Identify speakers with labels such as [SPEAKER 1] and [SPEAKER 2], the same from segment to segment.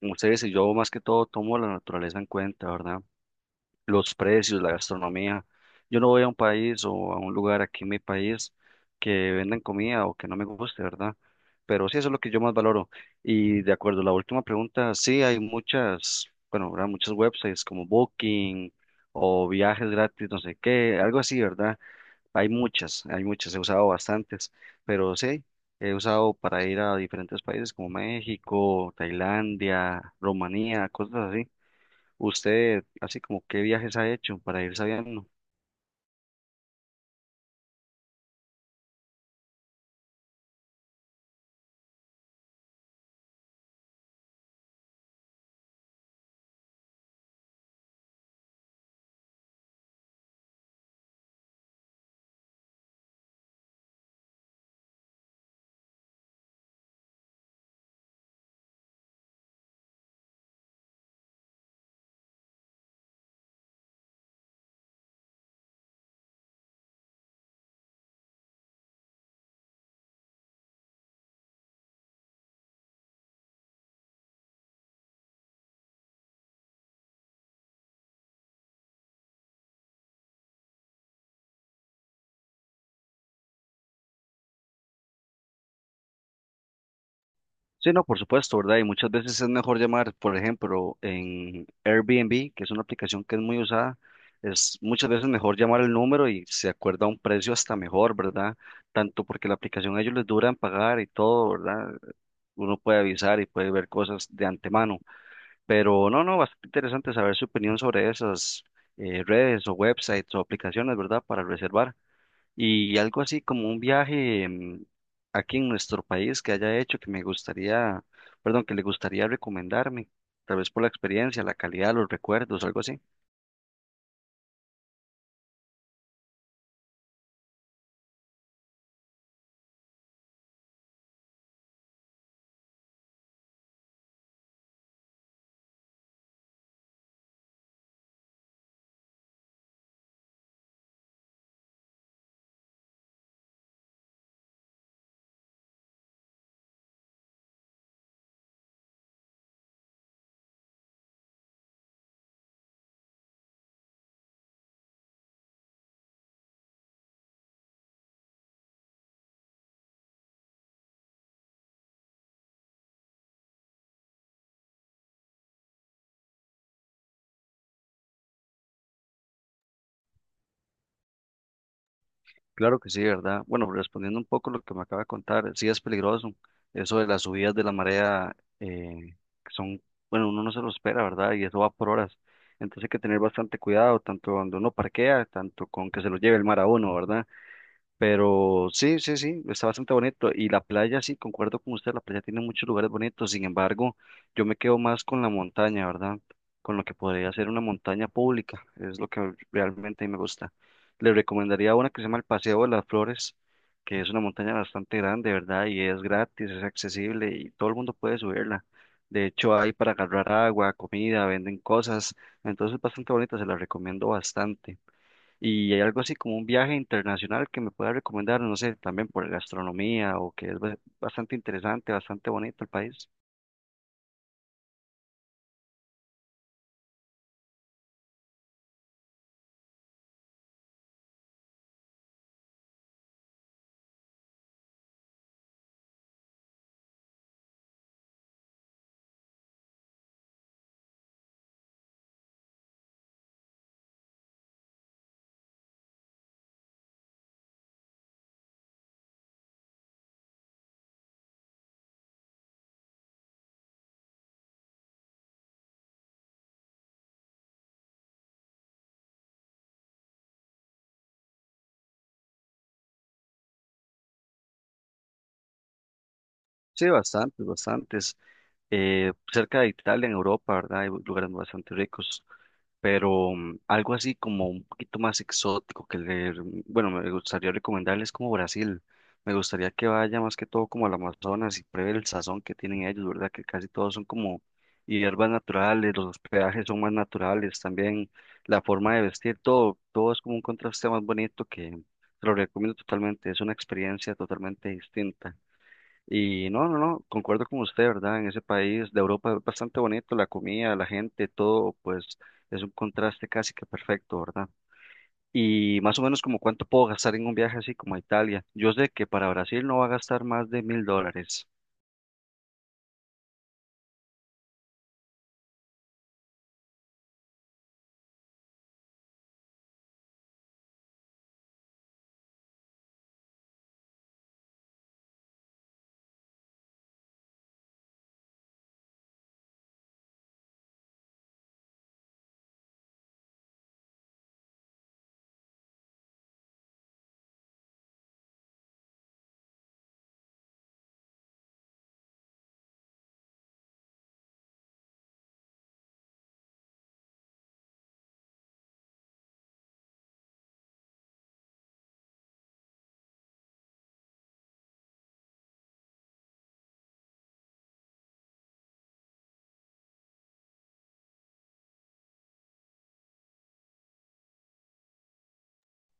[SPEAKER 1] Ustedes y yo más que todo tomo la naturaleza en cuenta, ¿verdad? Los precios, la gastronomía. Yo no voy a un país o a un lugar aquí en mi país que vendan comida o que no me guste, ¿verdad? Pero sí, eso es lo que yo más valoro. Y de acuerdo a la última pregunta, sí, hay muchas, bueno, ¿verdad? Muchos websites como Booking o viajes gratis, no sé qué, algo así, ¿verdad? Hay muchas, he usado bastantes, pero sí, he usado para ir a diferentes países como México, Tailandia, Rumanía, cosas así. Usted, así como, ¿qué viajes ha hecho para ir sabiendo? Sí, no, por supuesto, ¿verdad? Y muchas veces es mejor llamar, por ejemplo, en Airbnb, que es una aplicación que es muy usada, es muchas veces mejor llamar el número y se acuerda un precio hasta mejor, ¿verdad? Tanto porque la aplicación a ellos les dura en pagar y todo, ¿verdad? Uno puede avisar y puede ver cosas de antemano. Pero no, no, bastante interesante saber su opinión sobre esas redes o websites o aplicaciones, ¿verdad? Para reservar. Y algo así como un viaje aquí en nuestro país que haya hecho que me gustaría, perdón, que le gustaría recomendarme, tal vez por la experiencia, la calidad, los recuerdos, algo así. Claro que sí, ¿verdad? Bueno, respondiendo un poco lo que me acaba de contar, sí es peligroso. Eso de las subidas de la marea, que son, bueno, uno no se lo espera, ¿verdad? Y eso va por horas. Entonces hay que tener bastante cuidado, tanto donde uno parquea, tanto con que se lo lleve el mar a uno, ¿verdad? Pero sí, sí, sí, está bastante bonito. Y la playa, sí, concuerdo con usted, la playa tiene muchos lugares bonitos. Sin embargo, yo me quedo más con la montaña, ¿verdad? Con lo que podría ser una montaña pública. Es lo que realmente a mí me gusta. Le recomendaría una que se llama el Paseo de las Flores, que es una montaña bastante grande, ¿verdad? Y es gratis, es accesible y todo el mundo puede subirla. De hecho, hay para agarrar agua, comida, venden cosas. Entonces, es bastante bonita, se la recomiendo bastante. Y hay algo así como un viaje internacional que me pueda recomendar, no sé, también por gastronomía o que es bastante interesante, bastante bonito el país. Sí, bastantes, bastantes. Cerca de Italia, en Europa, ¿verdad? Hay lugares bastante ricos. Pero algo así como un poquito más exótico que leer, bueno, me gustaría recomendarles como Brasil. Me gustaría que vaya más que todo como al Amazonas y pruebe el sazón que tienen ellos, ¿verdad? Que casi todos son como hierbas naturales, los hospedajes son más naturales, también la forma de vestir, todo, todo es como un contraste más bonito que te lo recomiendo totalmente, es una experiencia totalmente distinta. Y no, no, no, concuerdo con usted, ¿verdad? En ese país de Europa es bastante bonito, la comida, la gente, todo, pues es un contraste casi que perfecto, ¿verdad? Y más o menos como cuánto puedo gastar en un viaje así como a Italia. Yo sé que para Brasil no va a gastar más de $1000.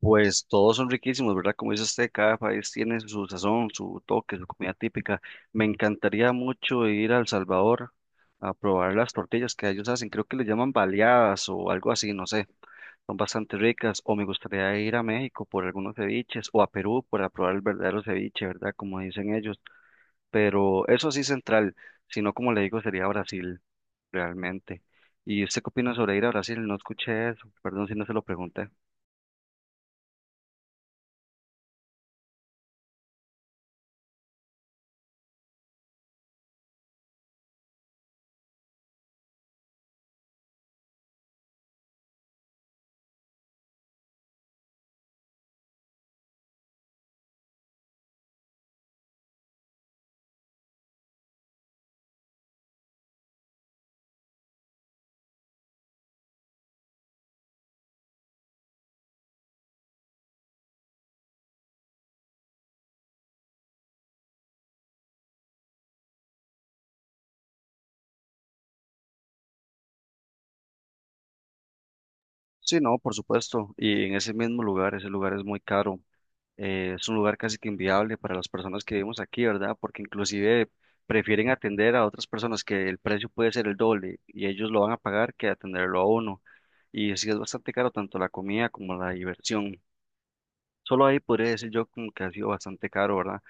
[SPEAKER 1] Pues todos son riquísimos, ¿verdad? Como dice usted, cada país tiene su sazón, su toque, su comida típica. Me encantaría mucho ir a El Salvador a probar las tortillas que ellos hacen. Creo que le llaman baleadas o algo así, no sé. Son bastante ricas, o me gustaría ir a México por algunos ceviches, o a Perú para probar el verdadero ceviche, ¿verdad? Como dicen ellos, pero eso sí central, si no, como le digo, sería Brasil, realmente. ¿Y usted qué opina sobre ir a Brasil? No escuché eso, perdón si no se lo pregunté. Sí, no, por supuesto, y en ese mismo lugar, ese lugar es muy caro, es un lugar casi que inviable para las personas que vivimos aquí, ¿verdad? Porque inclusive prefieren atender a otras personas que el precio puede ser el doble y ellos lo van a pagar que atenderlo a uno. Y sí es bastante caro tanto la comida como la diversión. Solo ahí podría decir yo como que ha sido bastante caro, ¿verdad?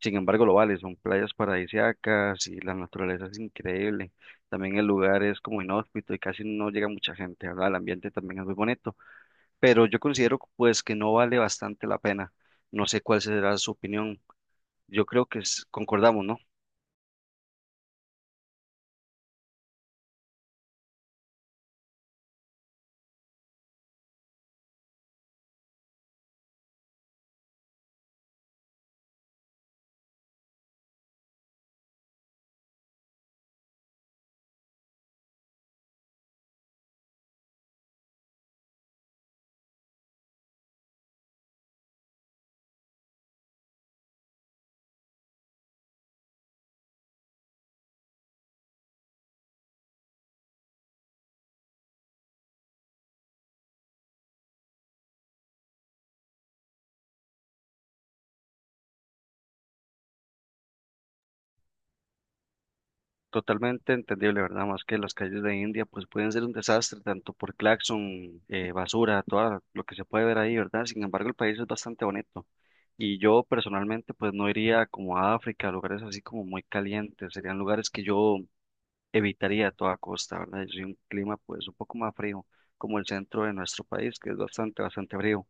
[SPEAKER 1] Sin embargo, lo vale, son playas paradisíacas y la naturaleza es increíble. También el lugar es como inhóspito y casi no llega mucha gente, ¿verdad? El ambiente también es muy bonito pero yo considero pues que no vale bastante la pena. No sé cuál será su opinión. Yo creo que concordamos, ¿no? Totalmente entendible, ¿verdad? Más que las calles de India pues pueden ser un desastre, tanto por claxon, basura, todo lo que se puede ver ahí, ¿verdad? Sin embargo, el país es bastante bonito. Y yo personalmente pues no iría como a África, a lugares así como muy calientes, serían lugares que yo evitaría a toda costa, ¿verdad? Yo soy un clima pues un poco más frío, como el centro de nuestro país, que es bastante, bastante frío.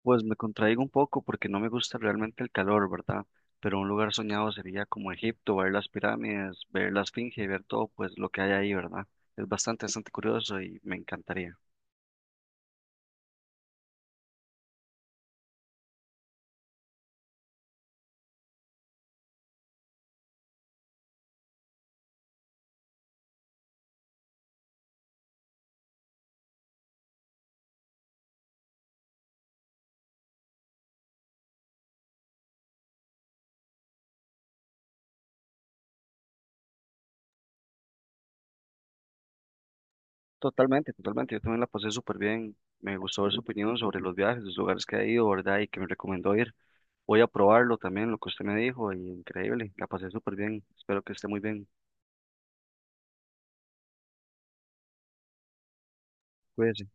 [SPEAKER 1] Pues me contraigo un poco porque no me gusta realmente el calor, ¿verdad? Pero un lugar soñado sería como Egipto, ver las pirámides, ver la Esfinge ver todo pues lo que hay ahí, ¿verdad? Es bastante, bastante curioso y me encantaría. Totalmente, totalmente. Yo también la pasé súper bien. Me gustó ver su opinión sobre los viajes, los lugares que ha ido, ¿verdad? Y que me recomendó ir. Voy a probarlo también, lo que usted me dijo, y increíble. La pasé súper bien. Espero que esté muy bien. Cuídese.